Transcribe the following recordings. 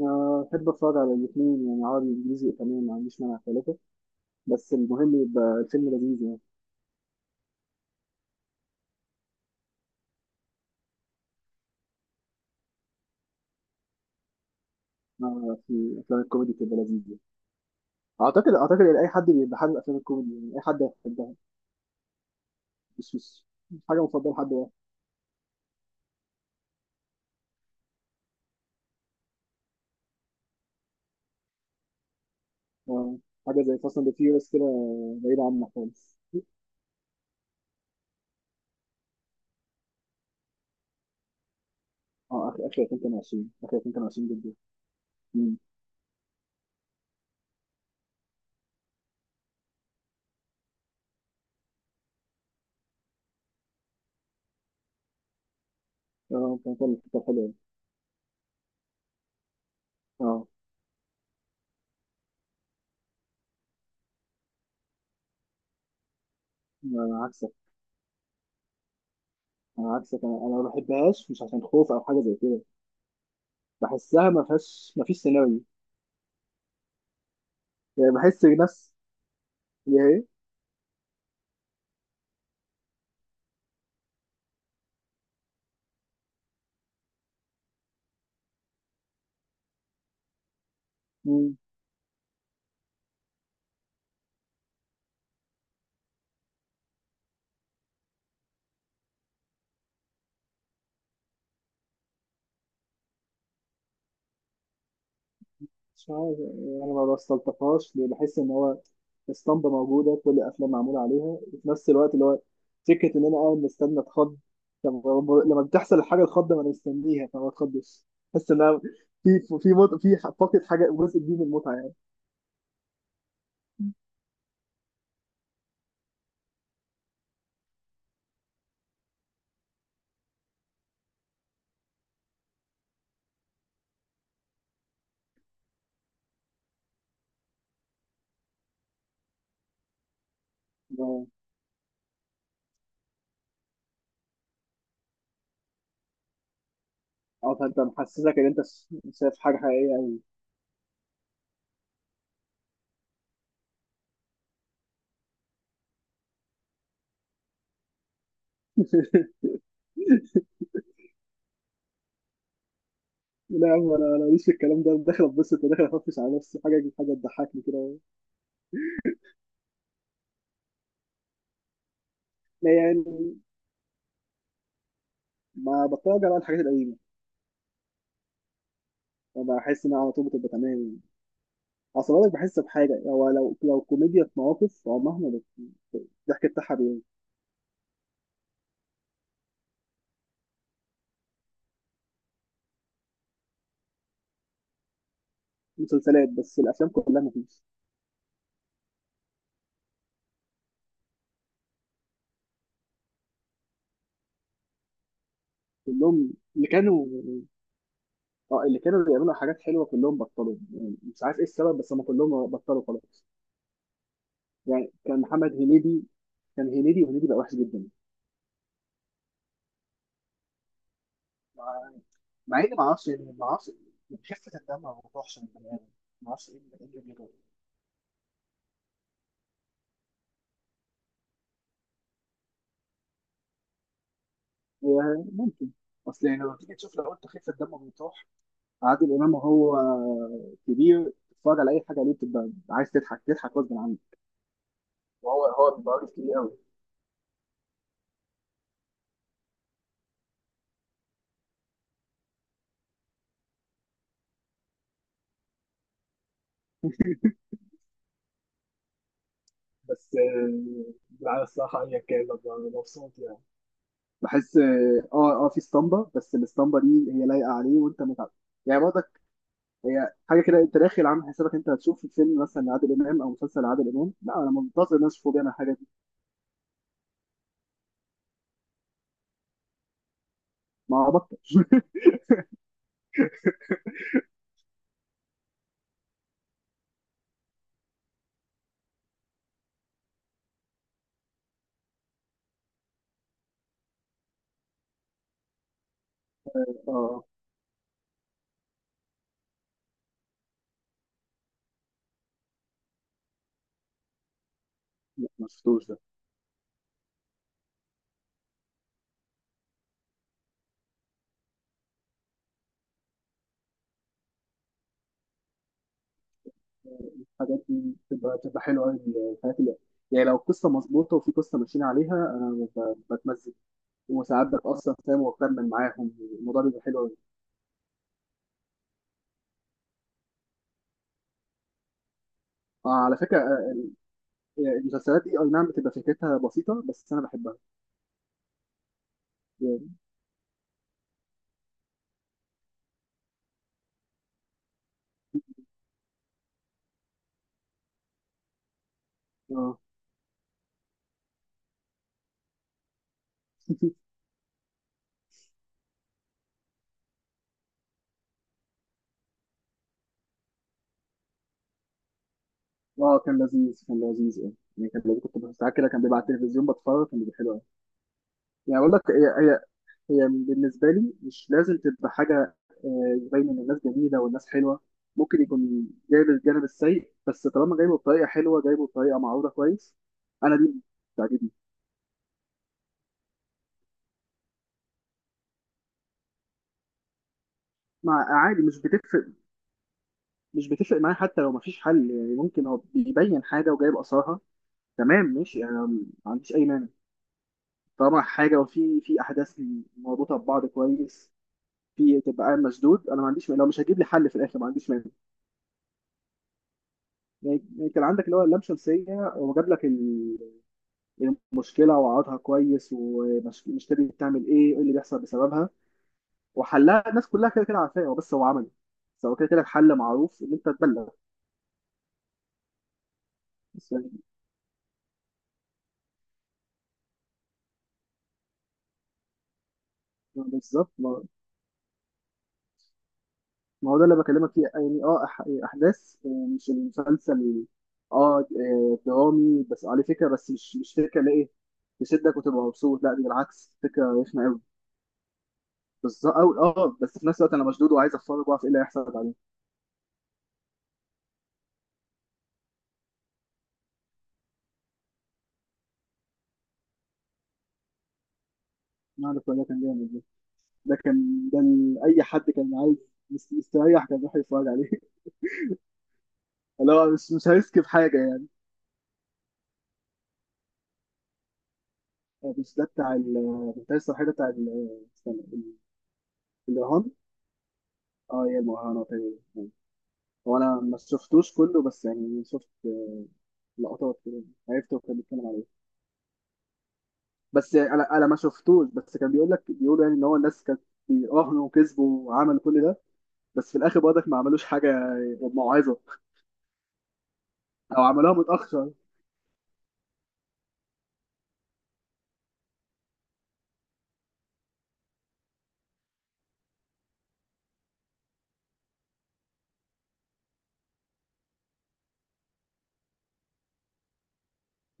آه، أحب أتفرج على الاتنين، يعني عربي وإنجليزي وإيطالي، ما عنديش مانع ثلاثة. بس المهم يبقى الفيلم لذيذ يعني. آه، في أفلام الكوميدي تبقى لذيذة يعني. أعتقد إن أي حد بيبقى حابب أفلام الكوميدي يعني أي حد هيحبها. مش مش مش حاجة مفضلة لحد واحد. آه، حاجة زي فاست أند فيوريوس كده بعيدة عنها خالص. أه، آخر 2022، آخر 2022 جدا. مم. أه، كان فيلم كان حلو يعني. أه. أنا عكسك أنا عكسك، أنا ما بحبهاش، مش عشان خوف أو حاجة زي كده، بحسها ما فيش سيناريو. يعني بحس نفس هي. مم. مش عارف يعني، انا ما بستلطفهاش ليه، بحس ان هو اسطمبة موجودة كل الافلام معمولة عليها، وفي نفس الوقت اللي هو فكرة ان انا قاعد مستني اتخض. طب هو لما بتحصل الحاجة الخضة ما انا مستنيها فما بتخضش. بحس ان أنا في في مط... في ح- فاقد حاجة، جزء كبير من المتعة يعني. اه. آه، فانت محسسك ان انت شايف حاجة حقيقية أوي. لا يا عم، انا ماليش في الكلام ده، أنا داخل اتبسط وداخل افرفش على نفسي، حاجه حاجه تضحكني كده. لا يعني، ما بتفرج على الحاجات القديمه، بحس انها على طول بتبقى تمام يعني. اصل بقولك بحس بحاجه، هو لو كوميديا في مواقف، هو مهما الضحك بتاعها مسلسلات، بس الافلام كلها مفيش. كلهم اللي كانوا اه اللي كانوا بيعملوا حاجات حلوه كلهم بطلوا، يعني مش عارف ايه السبب، بس هم كلهم بطلوا خلاص. يعني كان محمد هنيدي، وهنيدي بقى وحش جدا. مع مع اني ما اعرفش، خفه الدم ما بتروحش من البني ادم، ما اعرفش ايه اللي بيجرى. آه، ممكن. اصل يعني لما تيجي تشوف، لو قلت خفه الدم بتروح عادل امام، هو كبير، تتفرج على اي حاجه ليه بتبقى عايز تضحك، تضحك غصب عنك. وهو بيبقى عارف كتير قوي. بس آه، لا الصراحة، أيا كان ببقى مبسوط يعني. بحس اه في اسطمبه، بس الاسطمبه دي هي لايقه عليه، وانت متعب يعني برضك. هي حاجه كده، انت داخل عامل حسابك انت هتشوف فيلم مثلا لعادل امام او مسلسل لعادل امام، لا انا منتظر الناس تشوفوا بيعمل الحاجه دي. ما بطل. اه، لا ما شفتوش. الحاجات دي بتبقى حلوه قوي، الحاجات اللي، يعني لو القصه مظبوطه وفي قصه ماشيين عليها، انا بتمزج، وساعات بتاثر فاهم، وبكمل معاهم، الموضوع بيبقى حلو قوي. آه، على فكره، آه، المسلسلات دي اي نعم بتبقى فكرتها بسيطه، بس انا بحبها. يعني اه. اه، كان لذيذ، كان لذيذ يعني كان لذيذ، كنت ساعات كده كان بيبقى على التلفزيون بتفرج، كان بيبقى حلو قوي. يعني بقول لك، هي بالنسبة لي مش لازم تبقى حاجة، آه، يبين إن الناس جميلة والناس حلوة. ممكن يكون جايب الجانب السيء، بس طالما جايبه بطريقة حلوة، جايبه بطريقة معروضة كويس، أنا دي بتعجبني. مع عادي، مش بتفرق معايا، حتى لو مفيش حل. يعني ممكن هو بيبين حاجة وجايب آثارها، تمام ماشي، أنا ما عنديش أي مانع، طالما حاجة وفي في أحداث مربوطة ببعض كويس، في تبقى قاعد مشدود، أنا ما عنديش مانع. لو مش هتجيب لي حل في الآخر، ما عنديش مانع. يعني كان عندك اللي هو اللام شمسية، هو جاب لك المشكله واقعدها كويس، والمشكله دي بتعمل ايه، وايه اللي بيحصل بسببها، وحلها، الناس كلها كده كده عارفاه، هو بس هو عمل، بس هو كده كده الحل معروف ان انت تبلغ، بس يعني. بالظبط، ما هو ده اللي بكلمك فيه يعني. اه، احداث، آه، مش المسلسل، اه، آه، درامي بس عليه فكره، بس مش فكره اللي ايه تشدك وتبقى مبسوط، لا دي بالعكس، فكره رخمه قوي. بالظبط أوي، اه، بس في نفس الوقت انا مشدود وعايز اتفرج واعرف ايه اللي هيحصل بعدين. ما عارف، والله كان جامد. ده كان ده ال- اي حد كان عايز مستريح، كان راح يتفرج عليه. اللي هو مش هيسكب حاجه يعني. آه، مش ده بتاع بتاع الصحيح، ده بتاع استنى، الرهان. اه، هي المهرجانات هي. هو انا ما شفتوش كله، بس يعني شفت لقطات كده، عرفت هو كان بيتكلم عليه. بس يعني انا ما شفتوش، بس كان بيقولوا يعني ان هو الناس كانت بيراهنوا وكسبوا وعملوا كل ده، بس في الاخر برضك ما عملوش حاجه، موعظه او عملوها متاخر.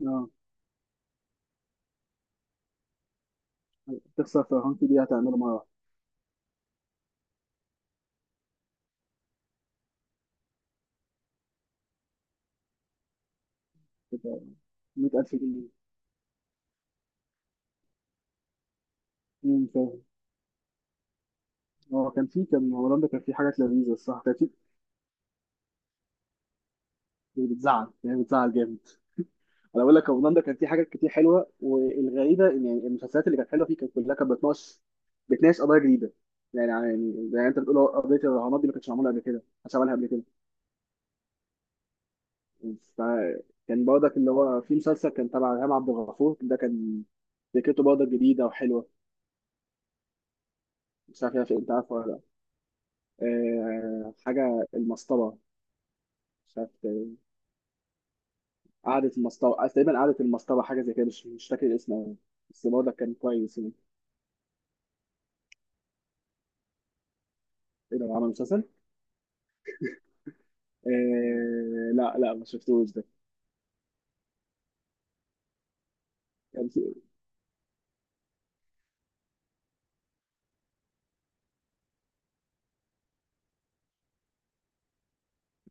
اه، تخسر فرهان دي هتعمله مره واحدة. كده 100,000 جنيه. فاهم. هو كان هولندا كان في حاجات لذيذه، الصراحه كانت في، بتزعل يعني، بتزعل جامد. انا بقول لك، هولندا كان في حاجات كتير حلوه، والغريبه ان يعني المسلسلات اللي كانت حلوه فيه كانت كلها كانت بتناقش قضايا جديده. يعني زي انت بتقول، هو قضيه الرهانات دي ما كانتش معموله قبل كده، مش عملها قبل كده. فكان برضك اللي هو في مسلسل كان تبع إلهام عبد الغفور، ده كان فكرته برضك جديده وحلوه. مش عارف إيه، انت عارفه ولا لا. آه، حاجه المسطره. مش عارف، قعدة المصطبة، آه، تقريبا قعدة المصطبة، حاجة زي كده، مش فاكر الاسم أوي، بس برضه كان كويس يعني. ايه ده عمل مسلسل؟ آه، لا لا، ما شفتوش ده. كان في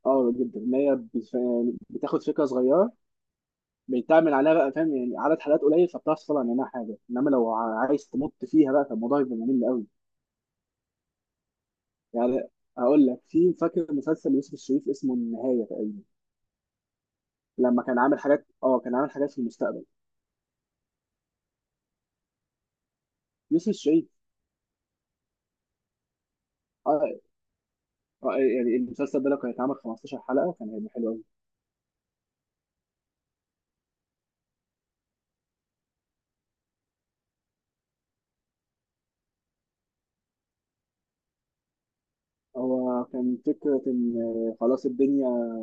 اه جدا ان هي بتاخد فكرة صغيرة، بيتعمل عليها بقى فاهم، يعني عدد حلقات قليل فبتعرف تطلع منها حاجة، انما لو عايز تمط فيها بقى، فالموضوع يبقى ممل قوي. يعني هقول لك، في فاكر مسلسل يوسف الشريف اسمه النهاية تقريبا، لما كان عامل حاجات اه كان عامل حاجات في المستقبل. يوسف الشريف. اه، آه، يعني المسلسل ده لو كان اتعمل 15 حلقة كان هيبقى حلو قوي. هو كان فكرة إن خلاص الدنيا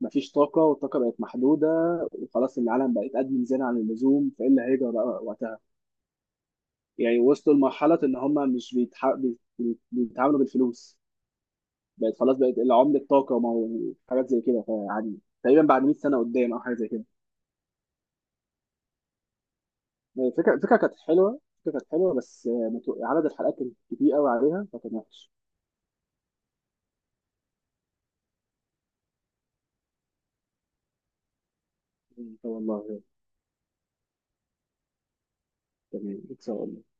مفيش طاقة، والطاقة بقت محدودة، وخلاص العالم بقت أدمن زيادة عن اللزوم، فإيه اللي هيجرى بقى وقتها؟ يعني وصلوا لمرحلة إن هما مش بيتعاملوا بالفلوس، بقت خلاص بقت عملة طاقة وحاجات زي كده فعادي، تقريبا بعد 100 سنة قدام أو حاجة زي كده. الفكرة كانت حلوة، الفكرة كانت حلوة، بس عدد الحلقات كان كتير قوي عليها فكان وحش. والله تمام، إن شاء الله.